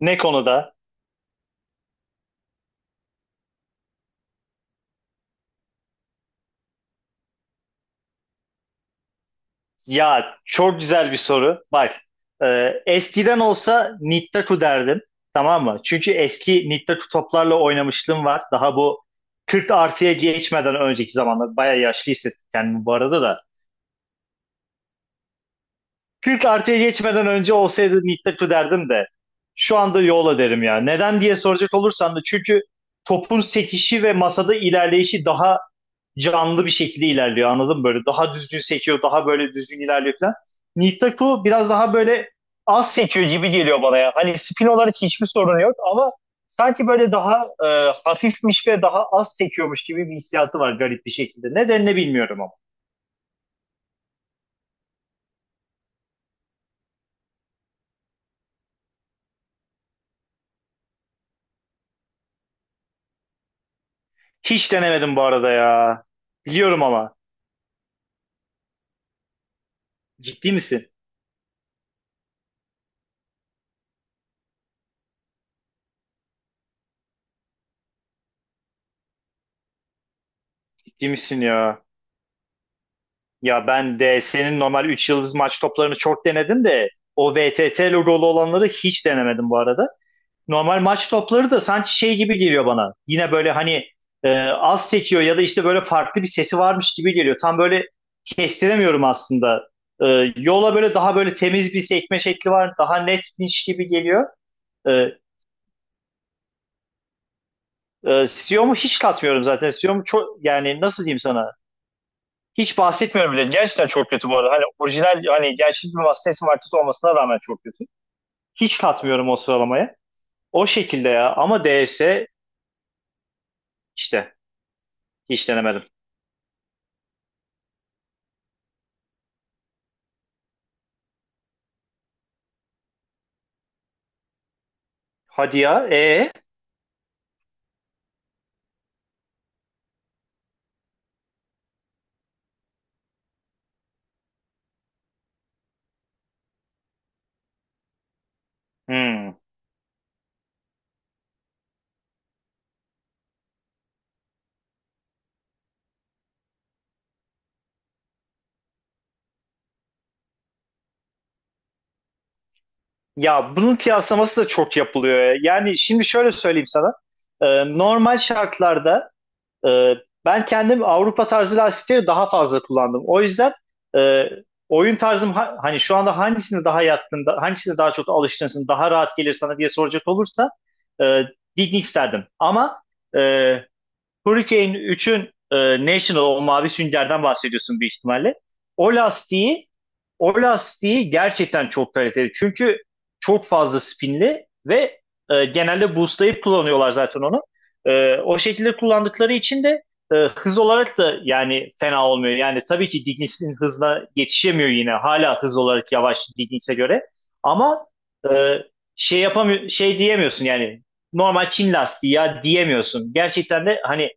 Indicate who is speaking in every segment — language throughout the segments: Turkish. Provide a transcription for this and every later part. Speaker 1: Ne konuda? Ya çok güzel bir soru. Bak e, eskiden olsa Nittaku derdim. Tamam mı? Çünkü eski Nittaku toplarla oynamışlığım var. Daha bu 40 artıya geçmeden önceki zamanlar. Baya yaşlı hissettim kendimi bu arada da. 40 artıya geçmeden önce olsaydı Nittaku derdim de. Şu anda Yola derim ya. Neden diye soracak olursan da çünkü topun sekişi ve masada ilerleyişi daha canlı bir şekilde ilerliyor, anladın mı? Böyle daha düzgün sekiyor, daha böyle düzgün ilerliyor falan. Nihil Taku biraz daha böyle az sekiyor gibi geliyor bana ya. Hani spin olarak hiçbir sorun yok ama sanki böyle daha hafifmiş ve daha az sekiyormuş gibi bir hissiyatı var garip bir şekilde. Nedenini bilmiyorum ama. Hiç denemedim bu arada ya. Biliyorum ama. Ciddi misin? Ciddi misin ya? Ya ben de senin normal 3 yıldız maç toplarını çok denedim de o VTT logolu olanları hiç denemedim bu arada. Normal maç topları da sanki şey gibi geliyor bana. Yine böyle hani az çekiyor ya da işte böyle farklı bir sesi varmış gibi geliyor. Tam böyle kestiremiyorum aslında. E, yola böyle daha böyle temiz bir sekme şekli var. Daha netmiş gibi geliyor. E, Siyom'u hiç katmıyorum zaten. Siyom'u çok, yani nasıl diyeyim sana? Hiç bahsetmiyorum bile. Gerçekten çok kötü bu arada. Hani orijinal, hani gerçek bir ses markası olmasına rağmen çok kötü. Hiç katmıyorum o sıralamaya. O şekilde ya. Ama DS işte hiç denemedim. Hadi ya. E. Hmm. Ya bunun kıyaslaması da çok yapılıyor. Yani şimdi şöyle söyleyeyim sana. Normal şartlarda e, ben kendim Avrupa tarzı lastikleri daha fazla kullandım. O yüzden e, oyun tarzım hani şu anda hangisine daha yatkın, hangisine daha çok alışkınsın, daha rahat gelir sana diye soracak olursa e, Dignics derdim. Ama e, Hurricane 3'ün National, o mavi süngerden bahsediyorsun bir ihtimalle. O lastiği o lastiği gerçekten çok kaliteli. Çünkü çok fazla spinli ve genelde boostlayıp kullanıyorlar zaten onu. O şekilde kullandıkları için de hız olarak da yani fena olmuyor. Yani tabii ki Dignics'in hızına yetişemiyor yine. Hala hız olarak yavaş Dignics'e göre. Ama e, şey yapamıyor, şey diyemiyorsun yani, normal Çin lastiği ya diyemiyorsun. Gerçekten de hani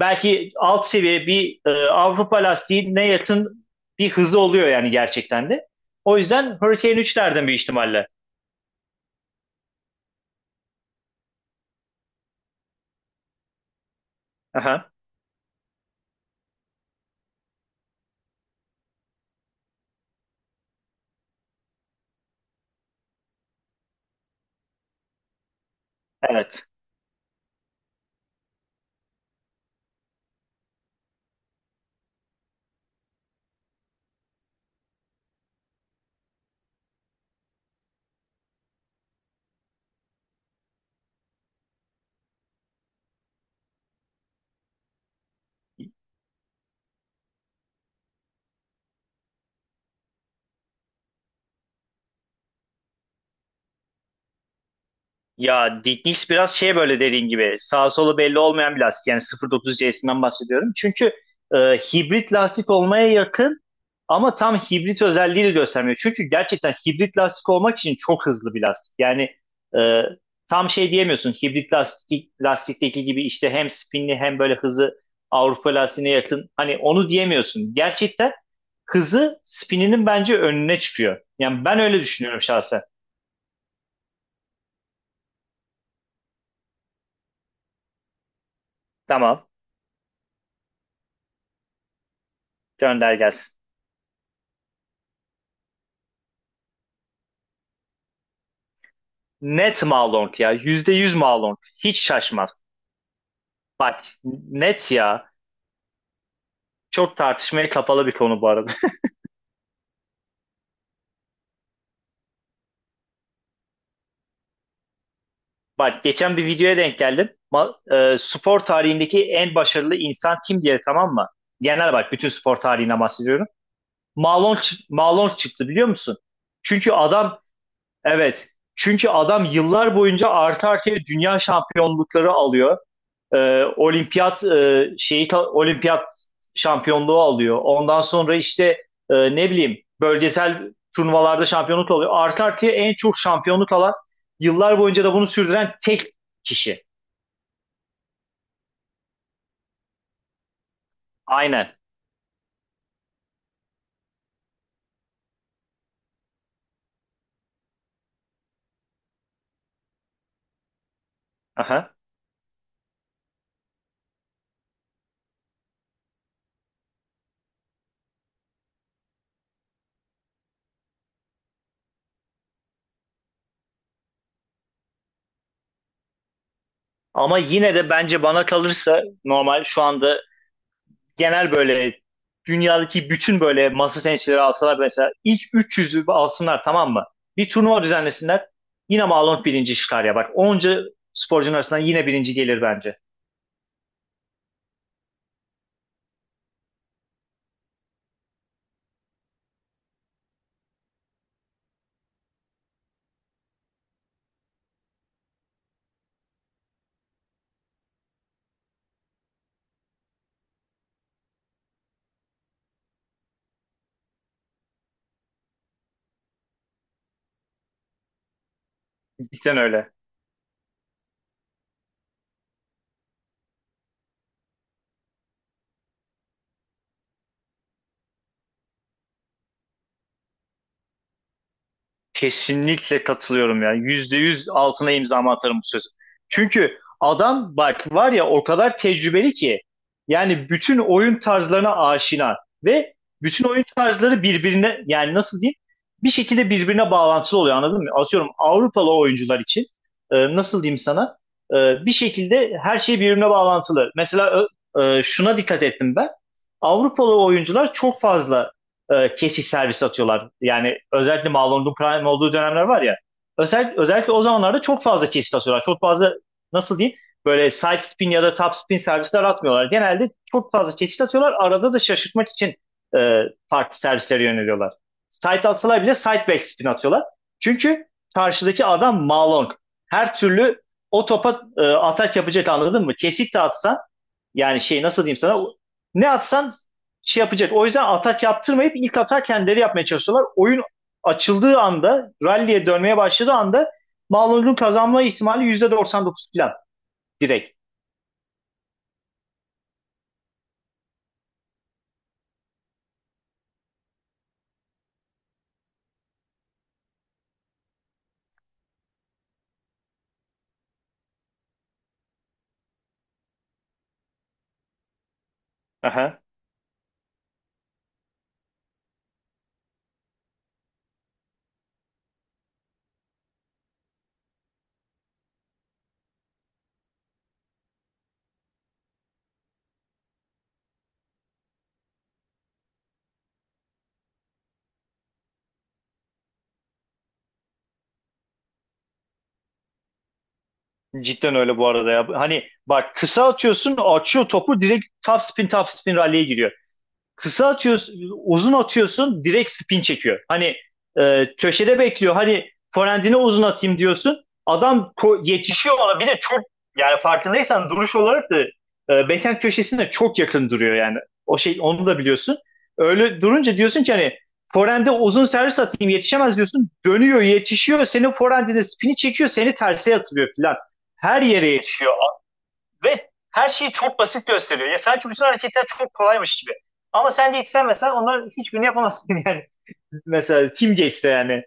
Speaker 1: belki alt seviye bir Avrupa lastiğine yakın bir hızı oluyor yani gerçekten de. O yüzden Hurricane üçlerden bir ihtimalle. Aha, evet. Ya Dignics biraz şey, böyle dediğin gibi sağ solu belli olmayan bir lastik. Yani 0,30 CS'inden bahsediyorum. Çünkü hibrit lastik olmaya yakın ama tam hibrit özelliği de göstermiyor. Çünkü gerçekten hibrit lastik olmak için çok hızlı bir lastik. Yani e, tam şey diyemiyorsun, hibrit lastik, lastikteki gibi işte hem spinli hem böyle hızı Avrupa lastiğine yakın. Hani onu diyemiyorsun. Gerçekten hızı spininin bence önüne çıkıyor. Yani ben öyle düşünüyorum şahsen. Tamam, gönder gelsin. Net Malong ya. %100 Malong. Hiç şaşmaz. Net ya. Çok tartışmaya kapalı bir konu bu arada. Bak geçen bir videoya denk geldim. Spor tarihindeki en başarılı insan kim diye, tamam mı? Genel bak, bütün spor tarihinden bahsediyorum. Malong çıktı, biliyor musun? Çünkü adam evet. Çünkü adam yıllar boyunca arka arkaya dünya şampiyonlukları alıyor. E, olimpiyat e, şeyi olimpiyat şampiyonluğu alıyor. Ondan sonra işte ne bileyim bölgesel turnuvalarda şampiyonluk alıyor. Artı artıya en çok şampiyonluk alan, yıllar boyunca da bunu sürdüren tek kişi. Aynen. Aha. Ama yine de bence, bana kalırsa normal şu anda genel böyle dünyadaki bütün böyle masa tenisçileri alsalar, mesela ilk 300'ü alsınlar, tamam mı? Bir turnuva düzenlesinler. Yine Malone birinci çıkar ya bak. Onca sporcunun arasından yine birinci gelir bence. Cidden öyle. Kesinlikle katılıyorum ya. %100 altına imzamı atarım bu sözü. Çünkü adam bak var ya, o kadar tecrübeli ki yani bütün oyun tarzlarına aşina ve bütün oyun tarzları birbirine, yani nasıl diyeyim, bir şekilde birbirine bağlantılı oluyor, anladın mı? Atıyorum Avrupalı oyuncular için nasıl diyeyim sana, e, bir şekilde her şey birbirine bağlantılı. Mesela şuna dikkat ettim ben. Avrupalı oyuncular çok fazla kesiş servisi atıyorlar. Yani özellikle Malone Prime olduğu dönemler var ya. Özellikle o zamanlarda çok fazla kesit atıyorlar. Çok fazla, nasıl diyeyim, böyle side spin ya da top spin servisler atmıyorlar. Genelde çok fazla kesit atıyorlar. Arada da şaşırtmak için e, farklı servislere yöneliyorlar. Side atsalar bile side back spin atıyorlar. Çünkü karşıdaki adam Malone. Her türlü o topa atak yapacak, anladın mı? Kesit de atsan yani şey, nasıl diyeyim sana, ne atsan şey yapacak. O yüzden atak yaptırmayıp ilk atak kendileri yapmaya çalışıyorlar. Oyun açıldığı anda, rally'e dönmeye başladığı anda Malum'un kazanma ihtimali %99 falan, direkt. Aha. Cidden öyle bu arada ya. Hani bak, kısa atıyorsun, açıyor topu, direkt top spin, top spin rally'e giriyor. Kısa atıyorsun, uzun atıyorsun direkt spin çekiyor. Hani köşede bekliyor. Hani forendine uzun atayım diyorsun. Adam yetişiyor ona. Bir de çok, yani farkındaysan duruş olarak da backhand köşesine çok yakın duruyor yani. O şey, onu da biliyorsun. Öyle durunca diyorsun ki hani forende uzun servis atayım yetişemez diyorsun. Dönüyor, yetişiyor. Senin forendine spini çekiyor. Seni terse yatırıyor filan. Her yere yetişiyor. Ve her şeyi çok basit gösteriyor. Ya sanki bütün hareketler çok kolaymış gibi. Ama sen geçsen mesela onların hiçbirini yapamazsın yani. Mesela kim geçse yani.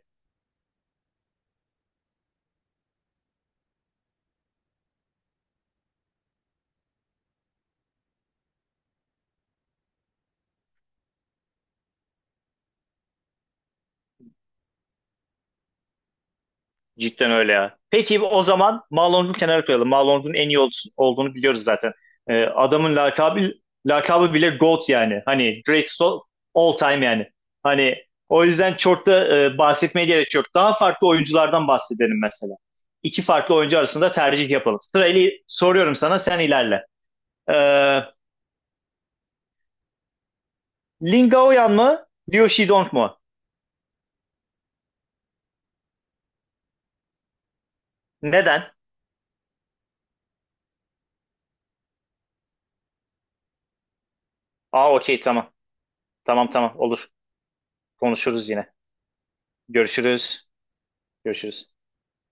Speaker 1: Cidden öyle ya. Peki o zaman Malong'u kenara koyalım. Malong'un en iyi olduğunu biliyoruz zaten. Adamın lakabı bile GOAT yani. Hani greatest all, all time yani. Hani o yüzden çok da bahsetmeye gerek yok. Daha farklı oyunculardan bahsedelim mesela. İki farklı oyuncu arasında tercih yapalım. Sırayla soruyorum sana, sen ilerle. Ee, Lin Gaoyan mı? Liu Shidong mu? Neden? Aa, okey, tamam. Tamam tamam, olur. Konuşuruz yine. Görüşürüz. Görüşürüz.